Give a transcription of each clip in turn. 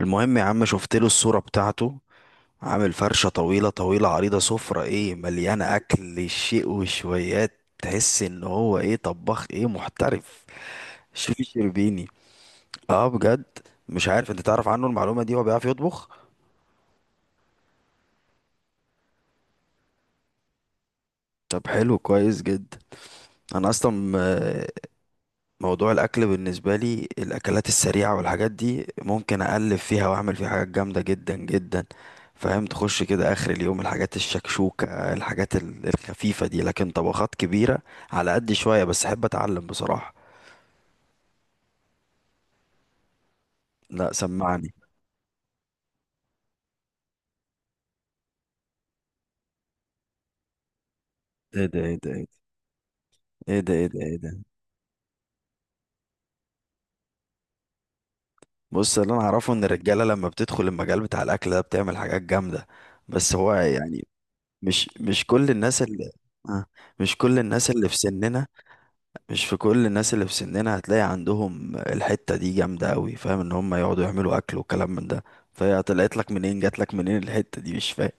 المهم يا عم، شفت له الصورة بتاعته. عامل فرشة طويلة طويلة عريضة، سفرة ايه مليانة اكل شيء وشويات، تحس ان هو ايه طباخ ايه محترف، شيف شربيني. اه بجد. مش عارف، انت تعرف عنه المعلومة دي؟ هو بيعرف يطبخ. طب حلو، كويس جدا. انا اصلا، موضوع الاكل بالنسبه لي الاكلات السريعه والحاجات دي ممكن اقلب فيها واعمل فيها حاجات جامده جدا جدا، فاهم؟ تخش كده اخر اليوم الحاجات الشكشوكه، الحاجات الخفيفه دي. لكن طبخات كبيره على قد شويه، بس احب اتعلم بصراحه. لا، سمعني. ايه ده ايه ده ايه ده ايه ده ايه ده. بص، اللي انا اعرفه ان الرجاله لما بتدخل المجال بتاع الاكل ده بتعمل حاجات جامده. بس هو يعني، مش كل الناس اللي، آه، مش كل الناس اللي في سننا، مش في كل الناس اللي في سننا هتلاقي عندهم الحتة دي جامدة قوي، فاهم؟ ان هم يقعدوا يعملوا اكل وكلام من ده. فهي طلعت لك منين، جات لك منين الحتة دي؟ مش فاهم.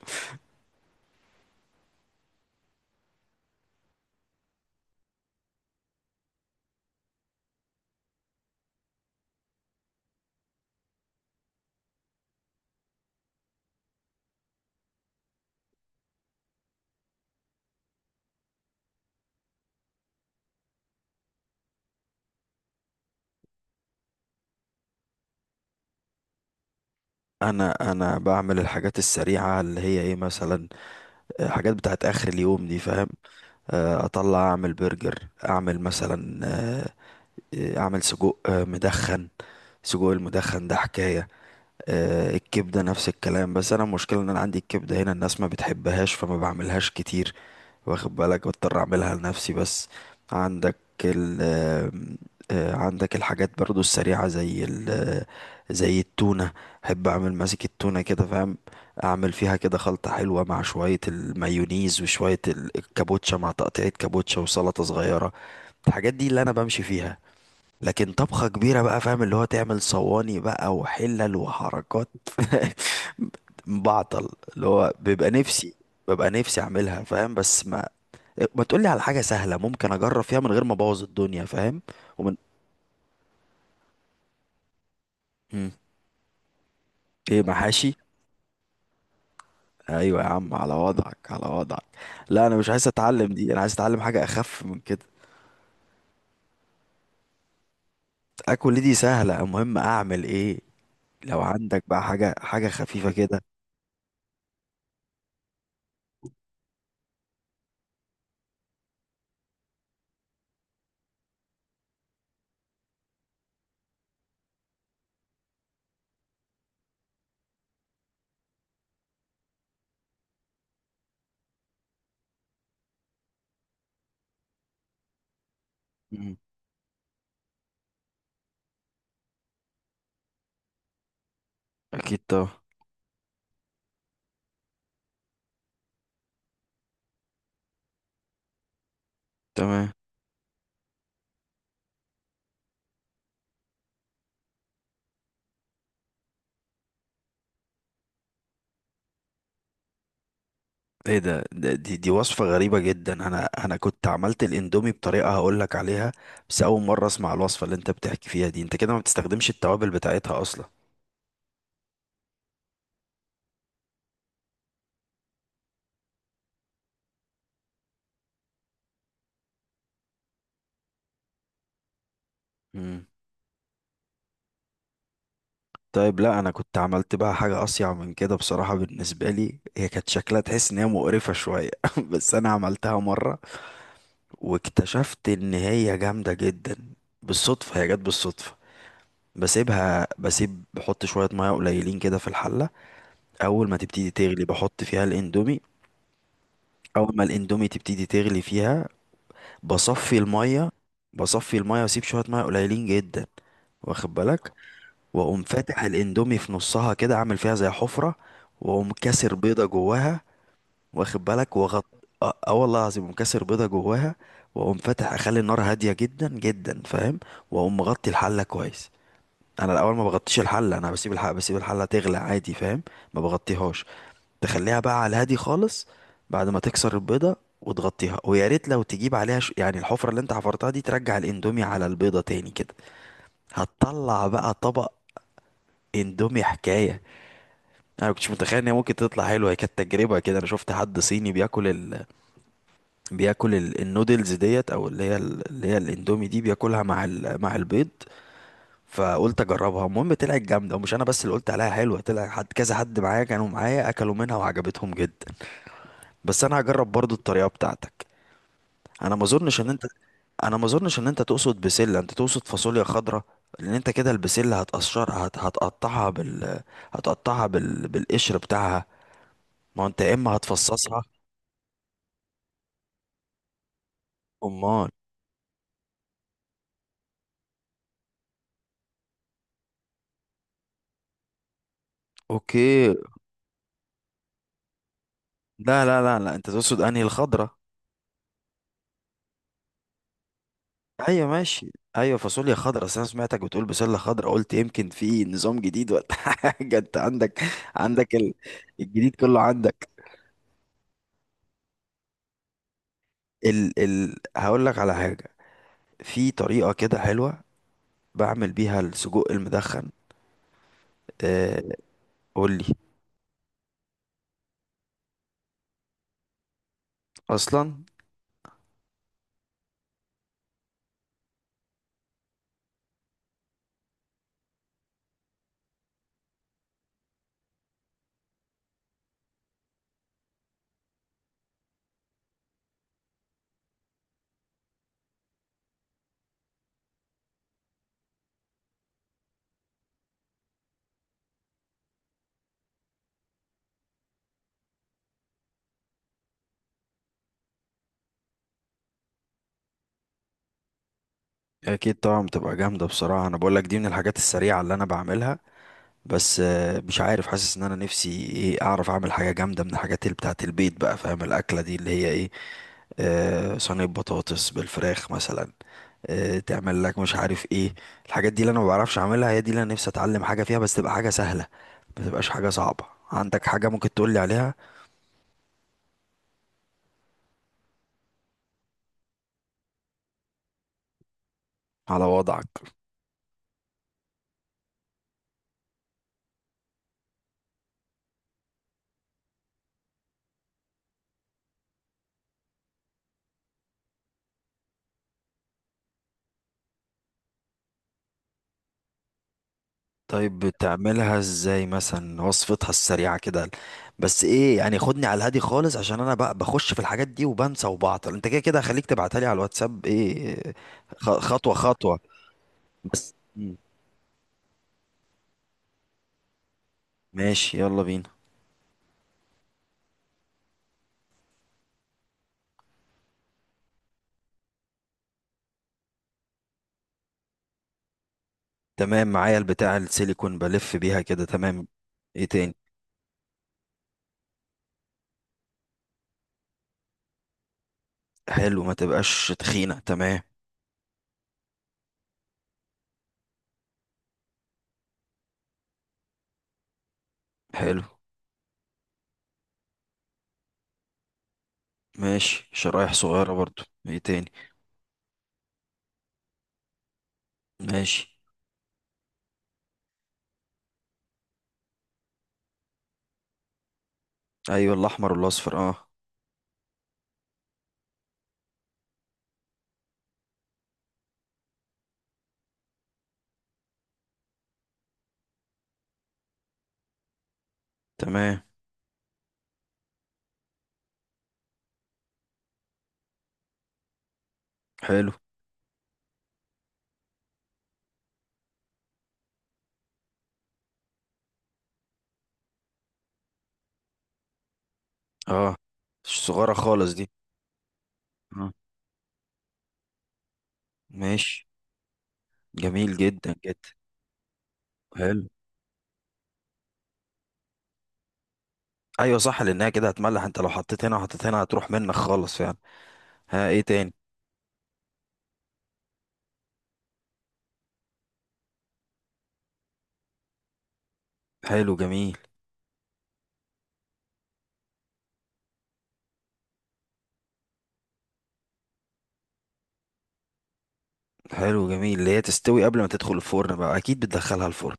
انا بعمل الحاجات السريعة اللي هي ايه مثلا، حاجات بتاعت اخر اليوم دي، فاهم؟ اطلع اعمل برجر، اعمل مثلا اعمل سجق مدخن. سجق المدخن ده حكاية. الكبدة نفس الكلام، بس انا المشكلة ان انا عندي الكبدة هنا الناس ما بتحبهاش، فما بعملهاش كتير، واخد بالك؟ بضطر اعملها لنفسي بس. عندك ال آه، عندك الحاجات برضو السريعة زي ال آه، زي التونة. احب اعمل ماسك التونة كده، فاهم؟ اعمل فيها كده خلطة حلوة مع شوية المايونيز وشوية الكابوتشا، مع تقطيعة كابوتشا وسلطة صغيرة. الحاجات دي اللي انا بمشي فيها. لكن طبخة كبيرة بقى، فاهم؟ اللي هو تعمل صواني بقى وحلل وحركات بعطل. اللي هو بيبقى نفسي، ببقى نفسي اعملها، فاهم؟ بس ما تقولي على حاجة سهلة ممكن أجرب فيها من غير ما أبوظ الدنيا، فاهم؟ ومن. مم. إيه، محاشي؟ أيوة يا عم، على وضعك على وضعك. لا، أنا مش عايز أتعلم دي، أنا عايز أتعلم حاجة أخف من كده. أكل دي سهلة. المهم، أعمل إيه؟ لو عندك بقى حاجة، حاجة خفيفة كده. مم. أكيد طبعا. تمام. إيه ده، دي وصفة غريبة جدا. أنا كنت عملت الإندومي بطريقة هقولك عليها. بس أول مرة أسمع الوصفة اللي أنت بتحكي فيها دي. أنت كده ما بتستخدمش التوابل بتاعتها أصلا؟ مم. طيب لا، انا كنت عملت بقى حاجه اصيع من كده بصراحه، بالنسبه لي هي كانت شكلها تحس ان هي مقرفه شويه. بس انا عملتها مره، واكتشفت ان هي جامده جدا. بالصدفه، هي جت بالصدفه. بسيبها بسيب بحط شويه ميه قليلين كده في الحله. اول ما تبتدي تغلي بحط فيها الاندومي. اول ما الاندومي تبتدي تغلي فيها، بصفي الميه. بصفي الميه واسيب شويه ميه قليلين جدا، واخد بالك؟ واقوم فاتح الاندومي في نصها كده، عامل فيها زي حفرة. واقوم كاسر بيضة جواها، واخد بالك؟ وغط. اه، آه والله العظيم، اقوم كاسر بيضة جواها، واقوم فاتح، اخلي النار هادية جدا جدا، فاهم؟ واقوم مغطي الحلة كويس. انا الاول ما بغطيش الحلة، انا بسيب الحلة تغلى عادي، فاهم؟ ما بغطيهاش، تخليها بقى على الهادي خالص. بعد ما تكسر البيضة وتغطيها، ويا ريت لو تجيب عليها، يعني الحفرة اللي انت حفرتها دي، ترجع الاندومي على البيضة تاني كده. هتطلع بقى طبق اندومي حكاية. انا كنتش متخيل ان هي ممكن تطلع حلوه، هي كانت تجربه كده. انا شفت حد صيني بياكل النودلز ديت، او اللي هي اللي هي الاندومي دي، بياكلها مع مع البيض. فقلت اجربها. المهم طلعت جامده، ومش انا بس اللي قلت عليها حلوه، طلع حد، كذا حد معايا، كانوا معايا اكلوا منها وعجبتهم جدا. بس انا هجرب برضو الطريقه بتاعتك. انا ما اظنش ان انت انا ما اظنش ان انت تقصد بسله، انت تقصد فاصوليا خضراء. لان انت كده البسله هتقشرها، هتقطعها هتقطعها بالقشر بتاعها. ما هو انت يا اما هتفصصها. امال. اوكي. لا لا لا لا، انت تقصد انهي الخضره. ايوه، ماشي. ايوه فاصوليا خضرا، اصل انا سمعتك بتقول بسله خضرا، قلت يمكن في نظام جديد ولا حاجه. انت عندك، عندك الجديد كله عندك. هقول لك على حاجه. في طريقه كده حلوه بعمل بيها السجق المدخن. آه... قول لي. اصلا. اكيد طبعا بتبقى جامده بصراحه، انا بقول لك دي من الحاجات السريعه اللي انا بعملها. بس مش عارف، حاسس ان انا نفسي ايه اعرف اعمل حاجه جامده من الحاجات اللي بتاعت البيت بقى، فاهم؟ الاكله دي اللي هي ايه، صينيه بطاطس بالفراخ مثلا، تعمل لك مش عارف ايه. الحاجات دي اللي انا ما بعرفش اعملها، هي دي اللي انا نفسي اتعلم حاجه فيها، بس تبقى حاجه سهله، ما تبقاش حاجه صعبه. عندك حاجه ممكن تقولي عليها؟ على وضعك. طيب بتعملها ازاي مثلا؟ وصفتها السريعة كده، بس ايه يعني؟ خدني على الهادي خالص، عشان انا بقى بخش في الحاجات دي وبنسى وبعطل. انت كده كده خليك تبعتها لي على الواتساب ايه. خطوة خطوة. بس مم. ماشي، يلا بينا. تمام معايا، البتاع السيليكون بلف بيها كده، تمام. ايه تاني؟ حلو، ما تبقاش تخينة، تمام. حلو ماشي، شرايح صغيرة برضو. ايه تاني؟ ماشي. ايوه، الاحمر والاصفر، اه. تمام. حلو. اه، صغيرة خالص دي. اه. ماشي. جميل جدا جدا. حلو. ايوه صح، لانها كده هتملح، انت لو حطيت هنا وحطيت هنا هتروح منك خالص، فعلا. ها، ايه تاني؟ حلو، جميل. حلو جميل، اللي هي تستوي قبل ما تدخل الفرن بقى، اكيد بتدخلها الفرن.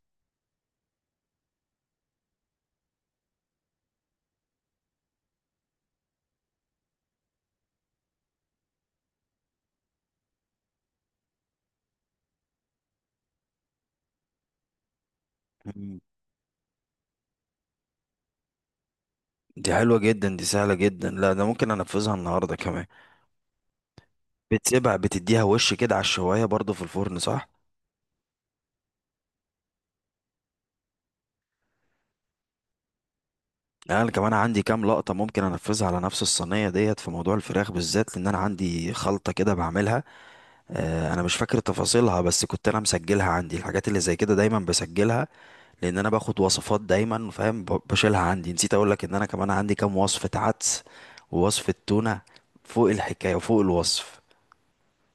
مم. دي حلوة جدا، دي سهلة جدا، لا ده ممكن انفذها النهاردة كمان. بتسيبها، بتديها وش كده على الشواية برضو في الفرن، صح؟ يعني انا كمان عندي كام لقطة ممكن انفذها على نفس الصينية ديت في موضوع الفراخ بالذات، لان انا عندي خلطة كده بعملها. انا مش فاكر تفاصيلها، بس كنت انا مسجلها عندي، الحاجات اللي زي كده دايما بسجلها، لان انا باخد وصفات دايما، فاهم؟ بشيلها عندي. نسيت اقول لك ان انا كمان عندي كام وصفة عدس ووصفة تونة، فوق الحكاية وفوق الوصف.